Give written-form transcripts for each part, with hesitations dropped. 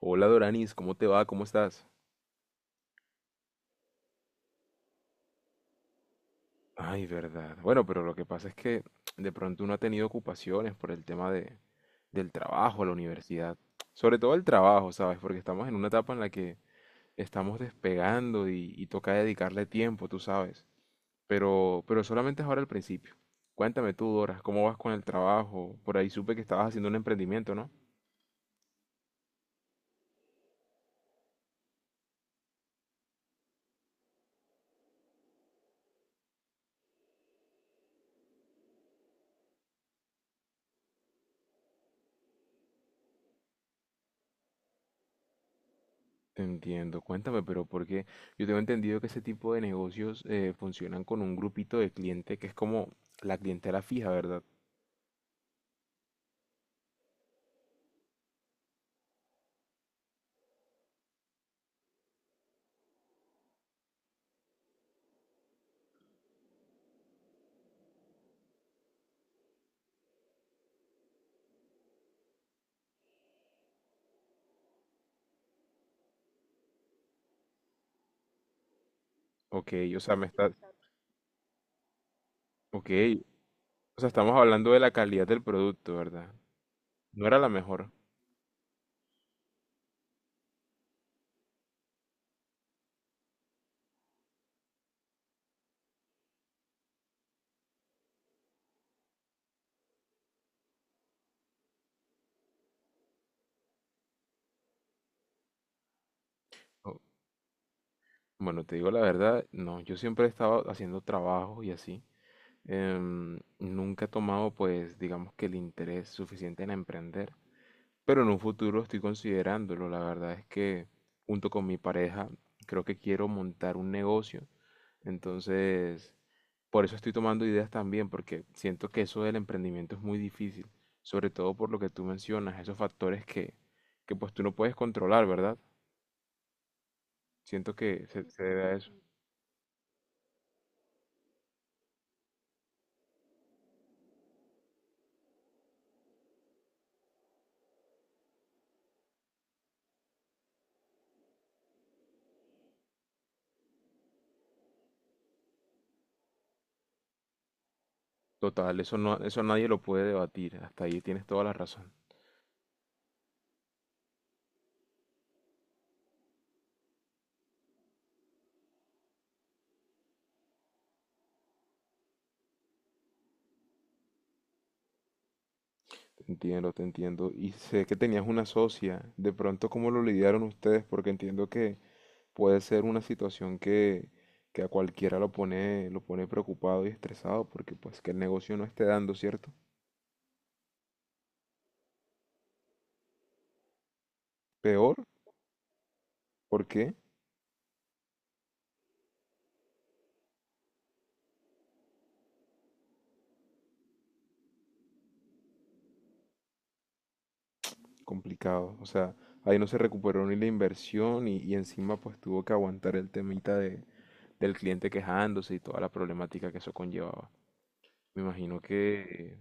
Hola Doranis, ¿cómo te va? ¿Cómo estás? Ay, verdad. Bueno, pero lo que pasa es que de pronto uno ha tenido ocupaciones por el tema del trabajo, la universidad. Sobre todo el trabajo, ¿sabes? Porque estamos en una etapa en la que estamos despegando y toca dedicarle tiempo, tú sabes. Pero solamente es ahora el principio. Cuéntame tú, Dora, ¿cómo vas con el trabajo? Por ahí supe que estabas haciendo un emprendimiento, ¿no? Entiendo, cuéntame, pero porque yo tengo entendido que ese tipo de negocios funcionan con un grupito de cliente que es como la clientela fija, ¿verdad? Ok, o sea, me está, ok, o sea, estamos hablando de la calidad del producto, ¿verdad? No era la mejor. O- Bueno, te digo la verdad, no, yo siempre he estado haciendo trabajos y así. Nunca he tomado, pues, digamos que el interés suficiente en emprender. Pero en un futuro estoy considerándolo. La verdad es que junto con mi pareja creo que quiero montar un negocio. Entonces, por eso estoy tomando ideas también, porque siento que eso del emprendimiento es muy difícil, sobre todo por lo que tú mencionas, esos factores que pues tú no puedes controlar, ¿verdad? Siento que se debe a eso. Total, eso no, eso nadie lo puede debatir. Hasta ahí tienes toda la razón. Te entiendo, te entiendo. Y sé que tenías una socia. De pronto, ¿cómo lo lidiaron ustedes? Porque entiendo que puede ser una situación que a cualquiera lo pone preocupado y estresado porque pues que el negocio no esté dando, ¿cierto? Peor, ¿por qué? Complicado. O sea, ahí no se recuperó ni la inversión y encima pues tuvo que aguantar el temita del cliente quejándose y toda la problemática que eso conllevaba. Me imagino que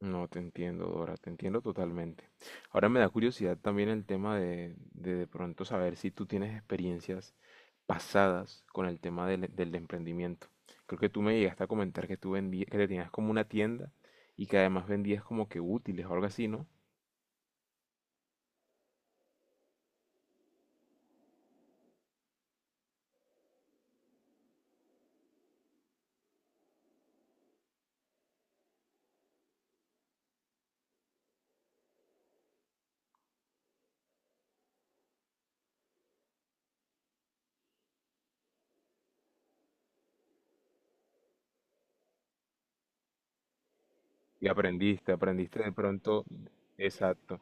no, te entiendo, Dora, te entiendo totalmente. Ahora me da curiosidad también el tema de pronto saber si tú tienes experiencias pasadas con el tema del emprendimiento. Creo que tú me llegaste a comentar que tú vendías, que tenías como una tienda y que además vendías como que útiles o algo así, ¿no? Y aprendiste, aprendiste de pronto, exacto.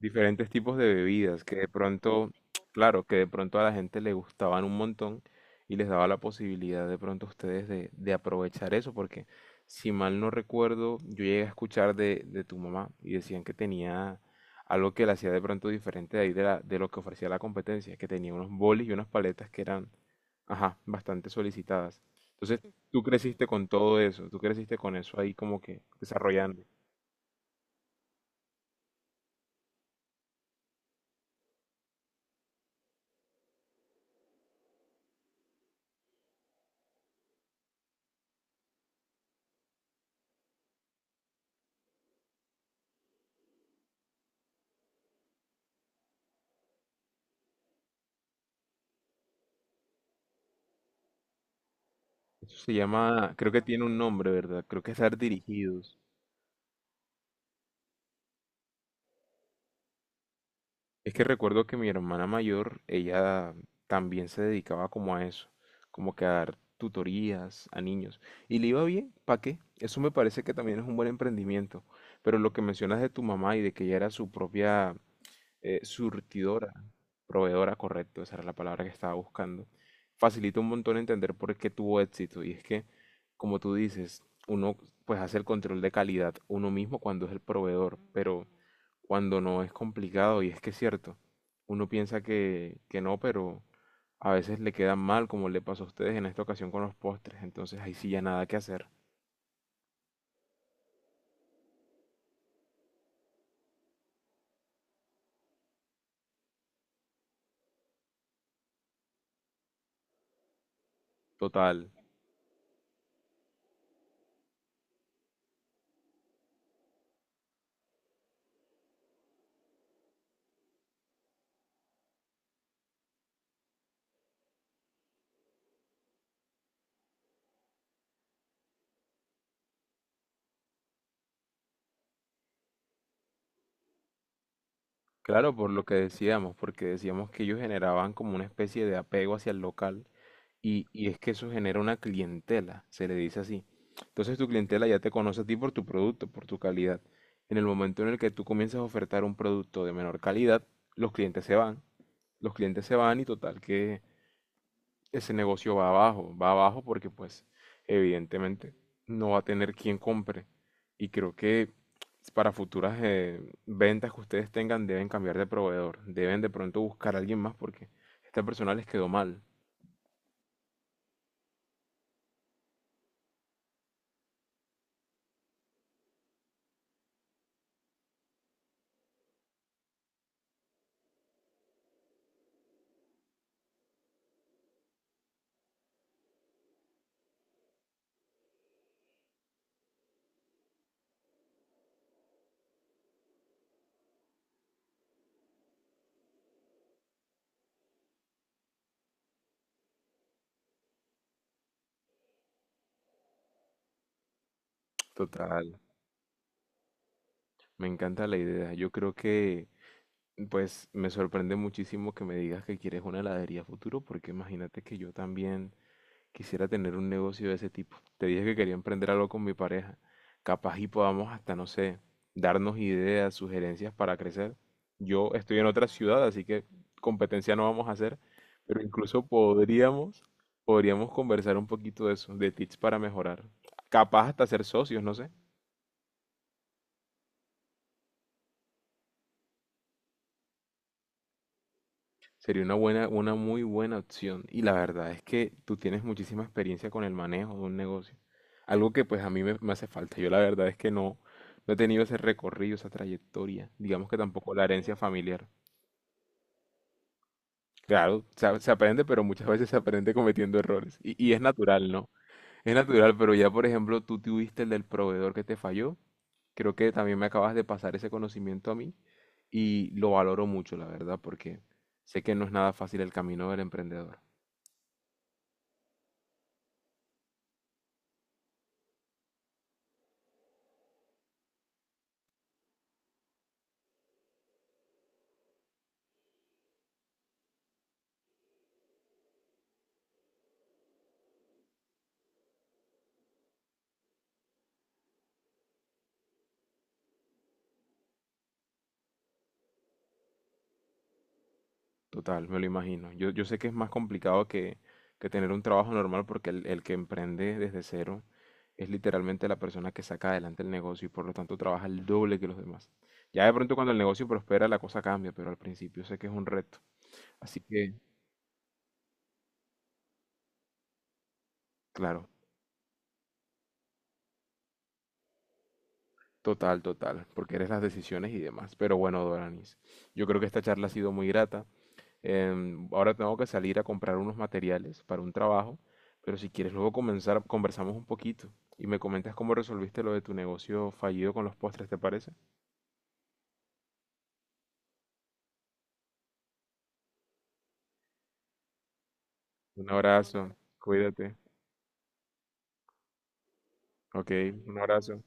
Diferentes tipos de bebidas que de pronto, claro, que de pronto a la gente le gustaban un montón y les daba la posibilidad de pronto a ustedes de aprovechar eso, porque si mal no recuerdo, yo llegué a escuchar de tu mamá y decían que tenía algo que la hacía de pronto diferente de ahí de, de lo que ofrecía la competencia, que tenía unos bolis y unas paletas que eran, ajá, bastante solicitadas. Entonces, tú creciste con todo eso, tú creciste con eso ahí como que desarrollando. Eso se llama, creo que tiene un nombre, ¿verdad? Creo que es dar dirigidos. Es que recuerdo que mi hermana mayor, ella también se dedicaba como a eso, como que a dar tutorías a niños. Y le iba bien, ¿para qué? Eso me parece que también es un buen emprendimiento. Pero lo que mencionas de tu mamá y de que ella era su propia surtidora, proveedora, correcto, esa era la palabra que estaba buscando, facilita un montón entender por qué tuvo éxito. Y es que, como tú dices, uno pues hace el control de calidad uno mismo cuando es el proveedor, pero cuando no es complicado, y es que es cierto, uno piensa que no, pero a veces le quedan mal, como le pasó a ustedes en esta ocasión con los postres, entonces ahí sí ya nada que hacer. Total. Claro, por lo que decíamos, porque decíamos que ellos generaban como una especie de apego hacia el local y es que eso genera una clientela, se le dice así. Entonces tu clientela ya te conoce a ti por tu producto, por tu calidad. En el momento en el que tú comienzas a ofertar un producto de menor calidad, los clientes se van, los clientes se van y total que ese negocio va abajo porque pues evidentemente no va a tener quien compre. Y creo que para futuras ventas que ustedes tengan deben cambiar de proveedor, deben de pronto buscar a alguien más porque esta persona les quedó mal. Total, me encanta la idea. Yo creo que pues me sorprende muchísimo que me digas que quieres una heladería a futuro porque imagínate que yo también quisiera tener un negocio de ese tipo. Te dije que quería emprender algo con mi pareja. Capaz y podamos hasta, no sé, darnos ideas, sugerencias para crecer. Yo estoy en otra ciudad, así que competencia no vamos a hacer, pero incluso podríamos conversar un poquito de eso, de tips para mejorar. Capaz hasta ser socios, no sé. Sería una buena, una muy buena opción. Y la verdad es que tú tienes muchísima experiencia con el manejo de un negocio. Algo que pues a mí me hace falta. Yo la verdad es que no, no he tenido ese recorrido, esa trayectoria. Digamos que tampoco la herencia familiar. Claro, se aprende, pero muchas veces se aprende cometiendo errores. Y es natural, ¿no? Es natural, pero ya por ejemplo tú tuviste el del proveedor que te falló. Creo que también me acabas de pasar ese conocimiento a mí y lo valoro mucho, la verdad, porque sé que no es nada fácil el camino del emprendedor. Total, me lo imagino. Yo sé que es más complicado que tener un trabajo normal porque el que emprende desde cero es literalmente la persona que saca adelante el negocio y por lo tanto trabaja el doble que los demás. Ya de pronto cuando el negocio prospera la cosa cambia, pero al principio sé que es un reto. Así que, claro, total, porque eres las decisiones y demás. Pero bueno, Doranis, yo creo que esta charla ha sido muy grata. Ahora tengo que salir a comprar unos materiales para un trabajo, pero si quieres luego comenzar, conversamos un poquito y me comentas cómo resolviste lo de tu negocio fallido con los postres, ¿te parece? Un abrazo, cuídate. Ok, un abrazo.